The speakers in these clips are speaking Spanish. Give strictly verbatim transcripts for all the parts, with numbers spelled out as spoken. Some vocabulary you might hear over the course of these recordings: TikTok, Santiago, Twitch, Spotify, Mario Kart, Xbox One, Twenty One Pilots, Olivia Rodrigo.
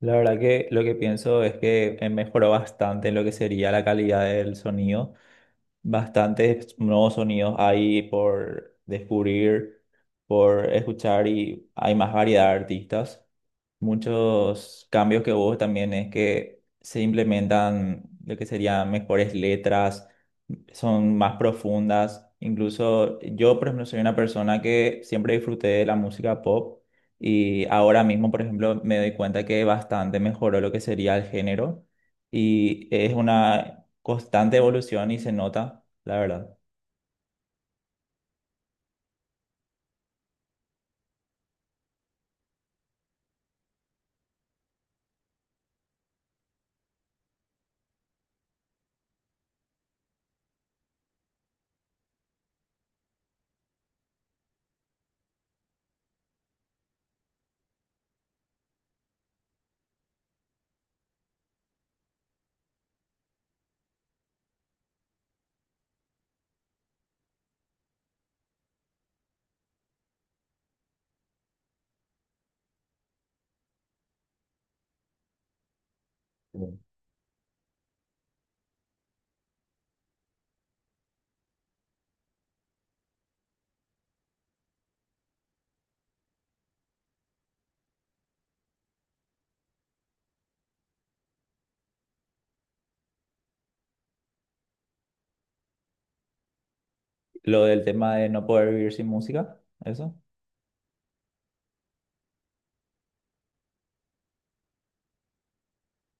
La verdad que lo que pienso es que eh, mejoró bastante lo que sería la calidad del sonido. Bastantes nuevos sonidos hay por descubrir, por escuchar y hay más variedad de artistas. Muchos cambios que hubo también es que se implementan lo que serían mejores letras, son más profundas. Incluso yo, por ejemplo, soy una persona que siempre disfruté de la música pop y ahora mismo, por ejemplo, me doy cuenta que bastante mejoró lo que sería el género y es una constante evolución y se nota, la verdad. Mm. Lo del tema de no poder vivir sin música, eso.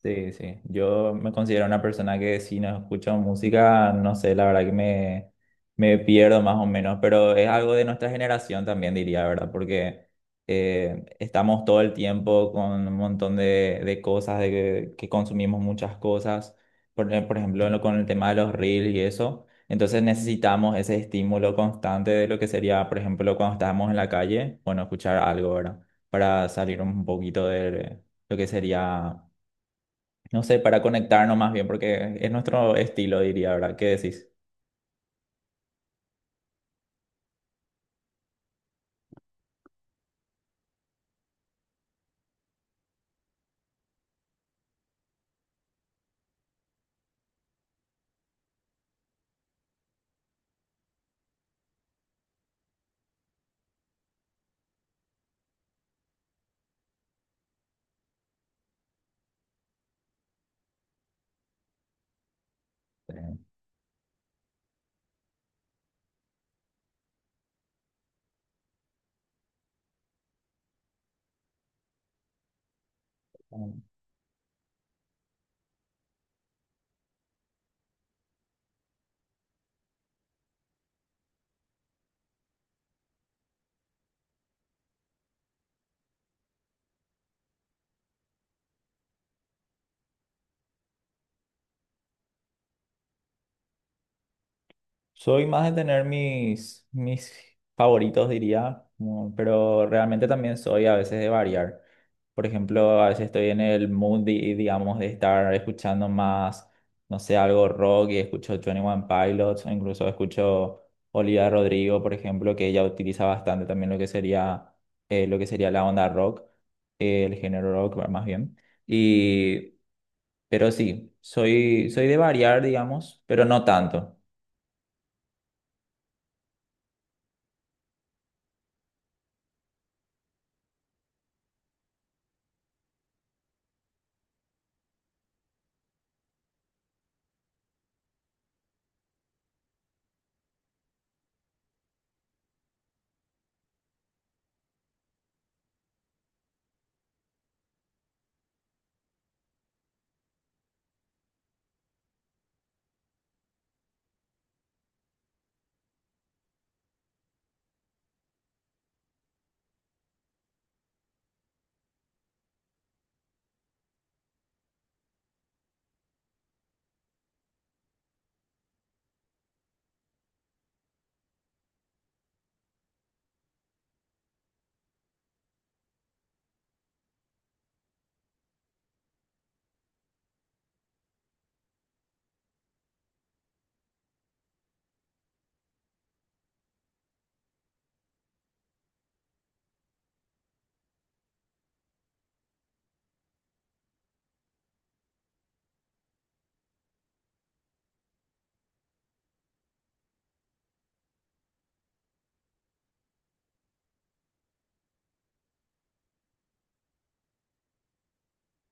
Sí, sí, yo me considero una persona que si no escucho música, no sé, la verdad que me, me pierdo más o menos, pero es algo de nuestra generación también, diría, ¿verdad? Porque eh, estamos todo el tiempo con un montón de, de cosas, de que, que consumimos muchas cosas, por, e- por ejemplo, lo- con el tema de los reels y eso. Entonces necesitamos ese estímulo constante de lo que sería, por ejemplo, cuando estábamos en la calle, bueno, escuchar algo, ¿verdad? Para salir un poquito de lo que sería, no sé, para conectarnos más bien, porque es nuestro estilo, diría, ¿verdad? ¿Qué decís? Eh, Soy más de tener mis, mis favoritos, diría, como- pero realmente también soy a veces de variar. Por ejemplo, a veces estoy en el mood, di- digamos, de estar escuchando más, no sé, algo rock y escucho Twenty One Pilots, o incluso escucho Olivia Rodrigo, por ejemplo, que ella utiliza bastante también lo que sería, eh, lo que sería la onda rock, eh, el género rock, más bien. Y Pero sí, soy, soy de variar, digamos, pero no tanto,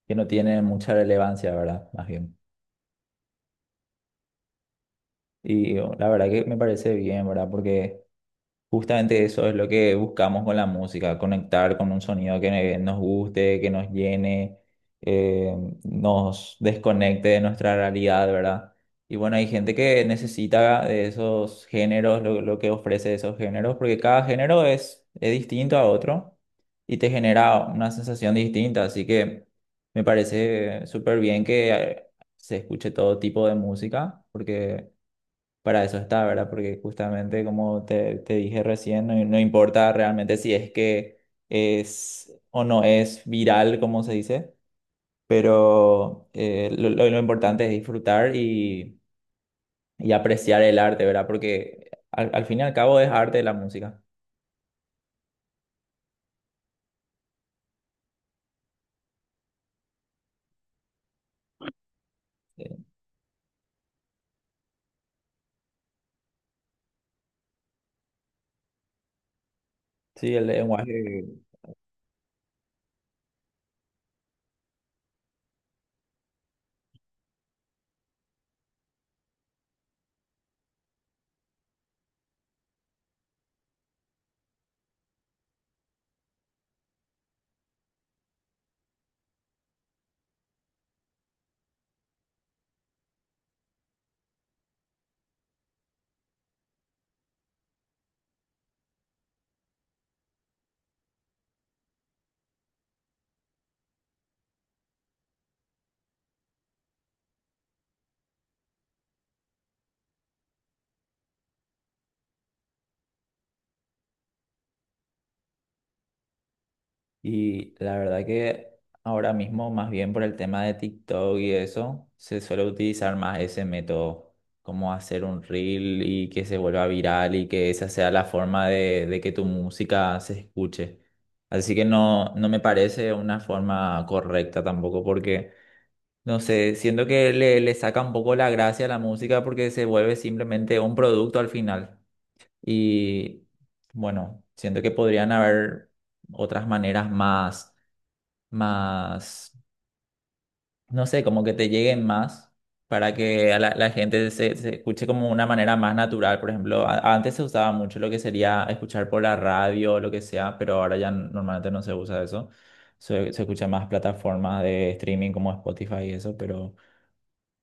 que no tiene mucha relevancia, ¿verdad? Más bien. Y oh, la verdad que me parece bien, ¿verdad? Porque justamente eso es lo que buscamos con la música: conectar con un sonido que nos guste, que nos llene, eh, nos desconecte de nuestra realidad, ¿verdad? Y bueno, hay gente que necesita de esos géneros, lo, lo que ofrece esos géneros, porque cada género es, es distinto a otro y te genera una sensación distinta, así que me parece súper bien que eh, se escuche todo tipo de música, porque para eso está, ¿verdad? Porque justamente como te, te dije recién, no, no importa realmente si es que es o no es viral, como se dice, pero eh, lo, lo- lo importante es disfrutar y, y apreciar el arte, ¿verdad? Porque al, al fin y al cabo es arte la música. eh, Sí, el lenguaje. Y la verdad que ahora mismo, más bien por el tema de TikTok y eso, se suele utilizar más ese método, como hacer un reel y que se vuelva viral y que esa sea la forma de, de que tu música se escuche. Así que no, no me parece una forma correcta tampoco porque, no sé, siento que le, le saca un poco la gracia a la música porque se vuelve simplemente un producto al final. Y bueno, siento que podrían haber otras maneras más más, no sé, como que te lleguen más, para que a la, la gente se, se escuche como una manera más natural. Por ejemplo, a- antes se usaba mucho lo que sería escuchar por la radio o lo que sea, pero ahora ya n- normalmente no se usa eso. Se, se escucha más plataformas de streaming como Spotify y eso, pero,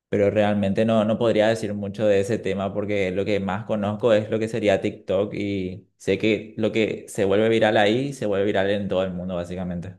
pero realmente no, no podría decir mucho de ese tema porque lo que más conozco es lo que sería TikTok y sé que lo que se vuelve viral ahí se vuelve viral en todo el mundo, básicamente.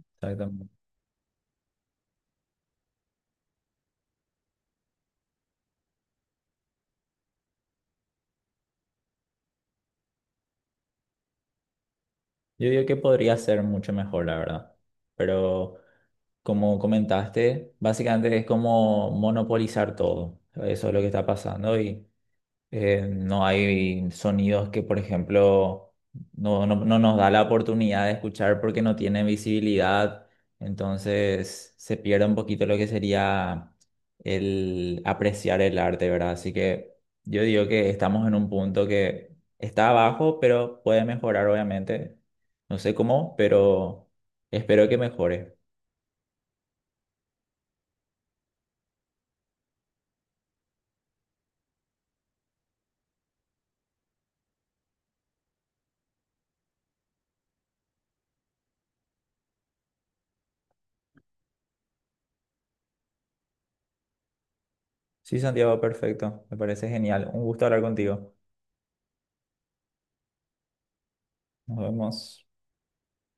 Exactamente. Yo digo que podría ser mucho mejor, la verdad. Pero como comentaste, básicamente es como monopolizar todo. Eso es lo que está pasando y eh, no hay sonidos que, por ejemplo, no, no, no nos da la oportunidad de escuchar porque no tienen visibilidad. Entonces se pierde un poquito lo que sería el apreciar el arte, ¿verdad? Así que yo digo que estamos en un punto que está abajo, pero puede mejorar, obviamente. No sé cómo, pero espero que mejore. Sí, Santiago, perfecto. Me parece genial. Un gusto hablar contigo. Nos vemos.